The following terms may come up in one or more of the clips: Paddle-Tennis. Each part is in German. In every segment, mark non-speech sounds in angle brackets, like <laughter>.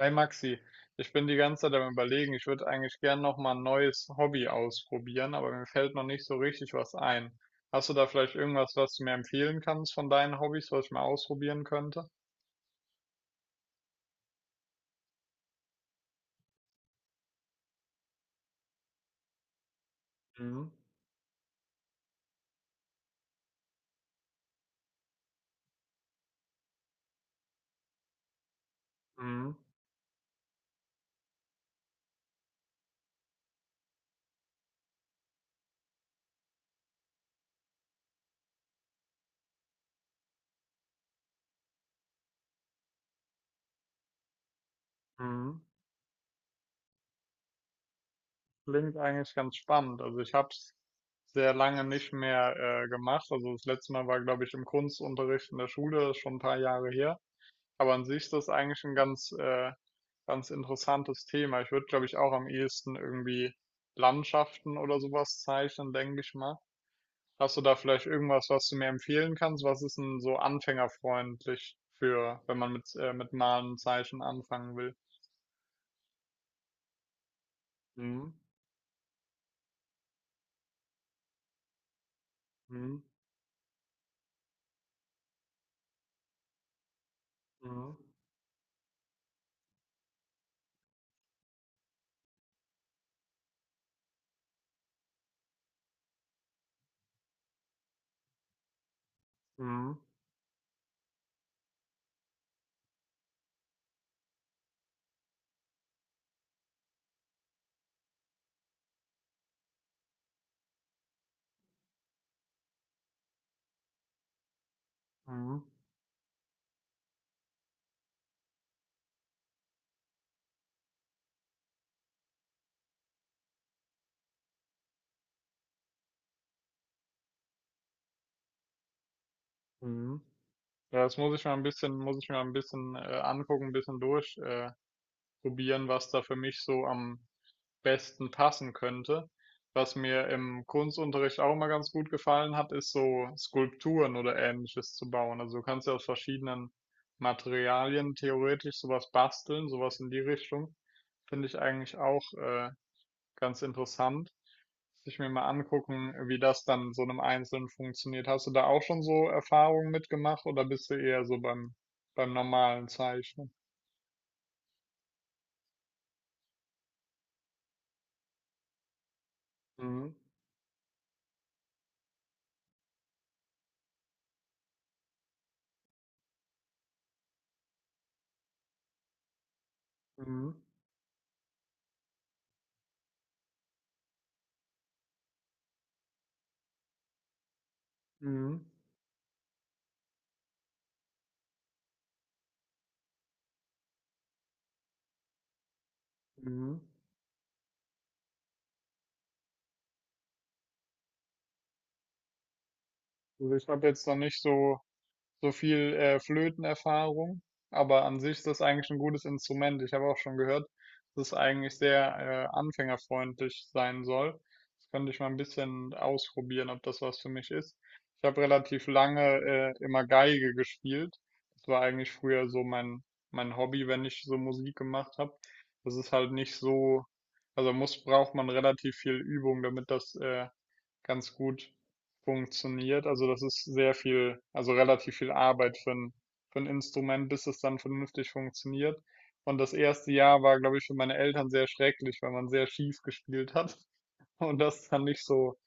Hey Maxi, ich bin die ganze Zeit am Überlegen, ich würde eigentlich gern noch mal ein neues Hobby ausprobieren, aber mir fällt noch nicht so richtig was ein. Hast du da vielleicht irgendwas, was du mir empfehlen kannst von deinen Hobbys, was ich mal ausprobieren könnte? Mhm. Mhm. Mhm. Klingt eigentlich ganz spannend. Also ich habe es sehr lange nicht mehr gemacht. Also das letzte Mal war, glaube ich, im Kunstunterricht in der Schule, das ist schon ein paar Jahre her. Aber an sich ist das eigentlich ein ganz interessantes Thema. Ich würde, glaube ich, auch am ehesten irgendwie Landschaften oder sowas zeichnen, denke ich mal. Hast du da vielleicht irgendwas, was du mir empfehlen kannst? Was ist 'n so anfängerfreundlich für wenn man mit Malen und Zeichnen anfangen will? Mhm. Mhm. Mhm. Mhm. Mhm. Mhm. Ja, das muss ich mal ein bisschen, angucken, ein bisschen durch probieren, was da für mich so am besten passen könnte. Was mir im Kunstunterricht auch immer ganz gut gefallen hat, ist so Skulpturen oder ähnliches zu bauen. Also du kannst ja aus verschiedenen Materialien theoretisch sowas basteln, sowas in die Richtung. Finde ich eigentlich auch ganz interessant. Muss ich mir mal angucken, wie das dann so einem Einzelnen funktioniert. Hast du da auch schon so Erfahrungen mitgemacht oder bist du eher beim normalen Zeichnen? Mhm. Mhm. Mhm. Mhm. Also ich habe jetzt noch nicht so, so viel Flötenerfahrung, aber an sich ist das eigentlich ein gutes Instrument. Ich habe auch schon gehört, dass es eigentlich sehr anfängerfreundlich sein soll. Das könnte ich mal ein bisschen ausprobieren, ob das was für mich ist. Ich habe relativ lange immer Geige gespielt. Das war eigentlich früher mein Hobby, wenn ich so Musik gemacht habe. Das ist halt nicht so, also braucht man relativ viel Übung, damit das ganz gut funktioniert. Also das ist sehr viel, also relativ viel Arbeit für ein Instrument, bis es dann vernünftig funktioniert. Und das erste Jahr war, glaube ich, für meine Eltern sehr schrecklich, weil man sehr schief gespielt hat <laughs> und das dann nicht so,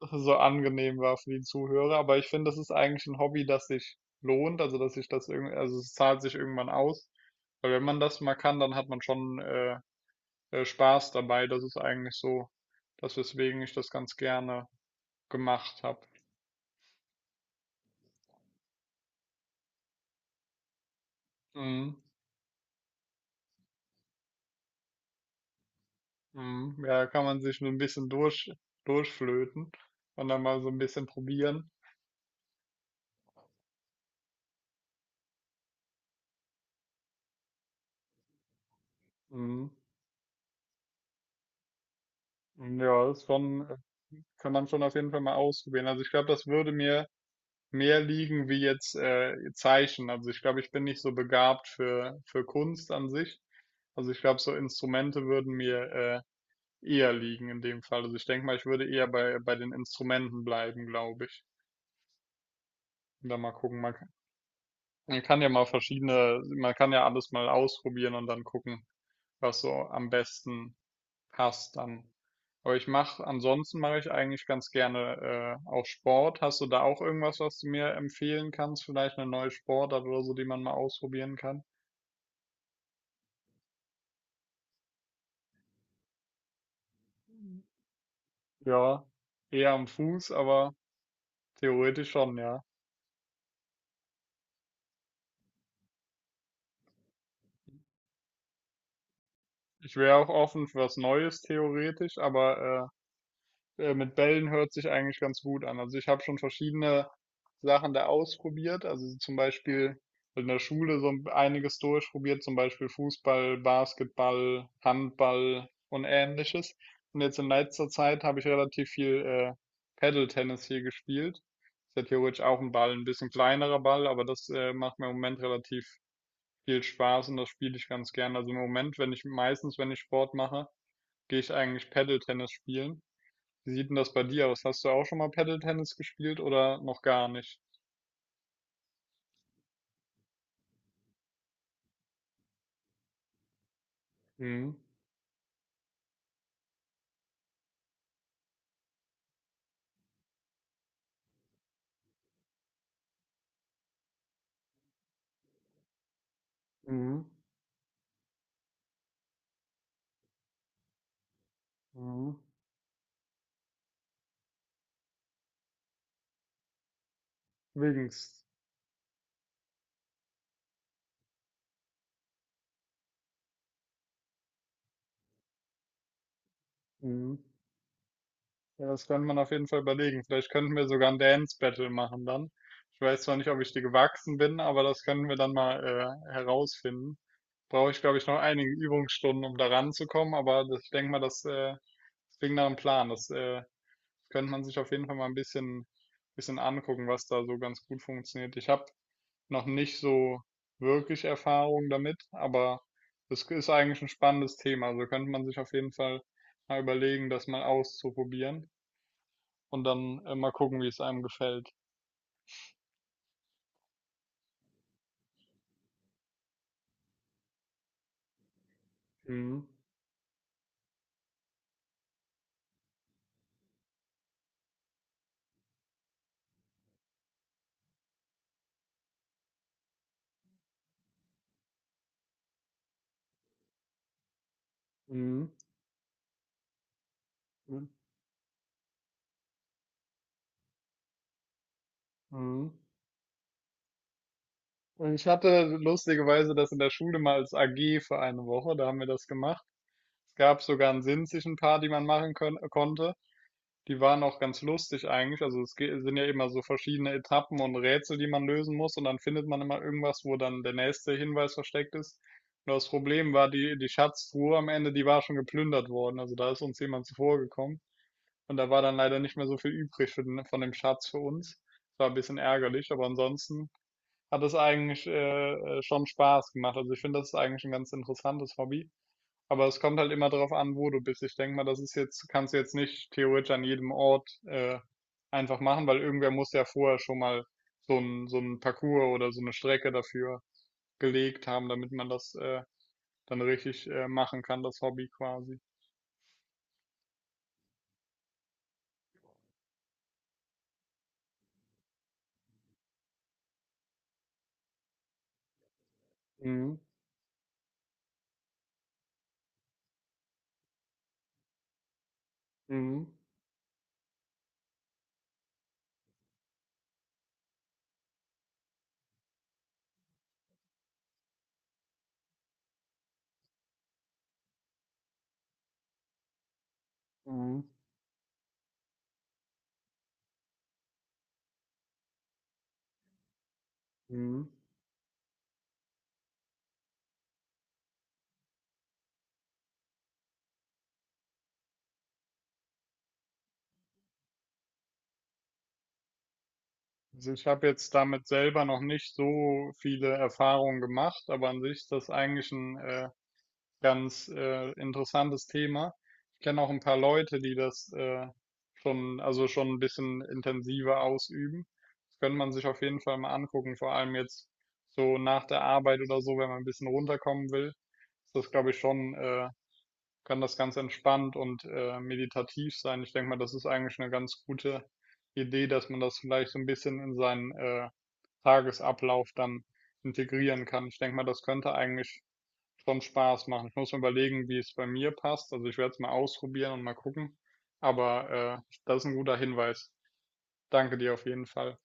so angenehm war für die Zuhörer. Aber ich finde, das ist eigentlich ein Hobby, das sich lohnt, also dass sich das irgendwie, also es zahlt sich irgendwann aus. Weil wenn man das mal kann, dann hat man schon Spaß dabei. Das ist eigentlich so, das weswegen ich das ganz gerne gemacht habe. Mhm. Mhm. Ja, kann man sich nur ein bisschen durch, durchflöten und dann mal so ein bisschen probieren. Mhm. Ja, das ist schon, kann man schon auf jeden Fall mal ausprobieren. Also ich glaube, das würde mir mehr liegen wie jetzt Zeichen. Also ich glaube, ich bin nicht so begabt für Kunst an sich. Also ich glaube, so Instrumente würden mir eher liegen in dem Fall. Also ich denke mal, ich würde eher bei den Instrumenten bleiben, glaube ich. Und dann mal gucken. Man kann ja mal verschiedene, man kann ja alles mal ausprobieren und dann gucken, was so am besten passt dann. Aber ansonsten mache ich eigentlich ganz gerne auch Sport. Hast du da auch irgendwas, was du mir empfehlen kannst? Vielleicht eine neue Sportart oder so, die man mal ausprobieren kann? Ja, eher am Fuß, aber theoretisch schon, ja. Ich wäre auch offen für was Neues, theoretisch, aber mit Bällen hört sich eigentlich ganz gut an. Also ich habe schon verschiedene Sachen da ausprobiert. Also zum Beispiel in der Schule so einiges durchprobiert, zum Beispiel Fußball, Basketball, Handball und ähnliches. Und jetzt in letzter Zeit habe ich relativ viel Paddle-Tennis hier gespielt. Ist ja theoretisch auch ein Ball, ein bisschen kleinerer Ball, aber das macht mir im Moment relativ viel Spaß und das spiele ich ganz gern. Also im Moment, wenn ich meistens, wenn ich Sport mache, gehe ich eigentlich Paddle-Tennis spielen. Wie sieht denn das bei dir aus? Hast du auch schon mal Paddle-Tennis gespielt oder noch gar nicht? Mhm. Mhm. Mhm. Links. Mhm. Ja, das könnte man auf jeden Fall überlegen. Vielleicht könnten wir sogar ein Dance-Battle machen dann. Ich weiß zwar nicht, ob ich dir gewachsen bin, aber das können wir dann mal herausfinden. Brauche ich, glaube ich, noch einige Übungsstunden, um da ranzukommen, aber das, ich denke mal, das, das klingt nach einem Plan. Das Könnte man sich auf jeden Fall mal bisschen angucken, was da so ganz gut funktioniert. Ich habe noch nicht so wirklich Erfahrung damit, aber es ist eigentlich ein spannendes Thema. Also könnte man sich auf jeden Fall mal überlegen, das mal auszuprobieren und dann mal gucken, wie es einem gefällt. Mhm. Mhm. Mhm. Mhm. Und ich hatte lustigerweise das in der Schule mal als AG für eine Woche, da haben wir das gemacht. Es gab sogar einen sinzischen Paar, die man machen können, konnte. Die waren auch ganz lustig eigentlich. Also es sind ja immer so verschiedene Etappen und Rätsel, die man lösen muss und dann findet man immer irgendwas, wo dann der nächste Hinweis versteckt ist. Nur das Problem war, die Schatztruhe am Ende, die war schon geplündert worden. Also da ist uns jemand zuvorgekommen und da war dann leider nicht mehr so viel übrig für den, von dem Schatz für uns. Das war ein bisschen ärgerlich, aber ansonsten hat es eigentlich schon Spaß gemacht. Also ich finde, das ist eigentlich ein ganz interessantes Hobby. Aber es kommt halt immer darauf an, wo du bist. Ich denke mal, das ist jetzt, kannst du jetzt nicht theoretisch an jedem Ort einfach machen, weil irgendwer muss ja vorher schon mal so ein Parcours oder so eine Strecke dafür gelegt haben, damit man das dann richtig machen kann, das Hobby quasi. Mhm. Mhm. Mhm. Mhm. Also ich habe jetzt damit selber noch nicht so viele Erfahrungen gemacht, aber an sich ist das eigentlich ein ganz interessantes Thema. Ich kenne auch ein paar Leute, die das schon, also schon ein bisschen intensiver ausüben. Das könnte man sich auf jeden Fall mal angucken, vor allem jetzt so nach der Arbeit oder so, wenn man ein bisschen runterkommen will. Ist das, glaube ich, schon, kann das ganz entspannt und meditativ sein. Ich denke mal, das ist eigentlich eine ganz gute Idee, dass man das vielleicht so ein bisschen in seinen Tagesablauf dann integrieren kann. Ich denke mal, das könnte eigentlich schon Spaß machen. Ich muss mir überlegen, wie es bei mir passt. Also ich werde es mal ausprobieren und mal gucken. Aber das ist ein guter Hinweis. Danke dir auf jeden Fall.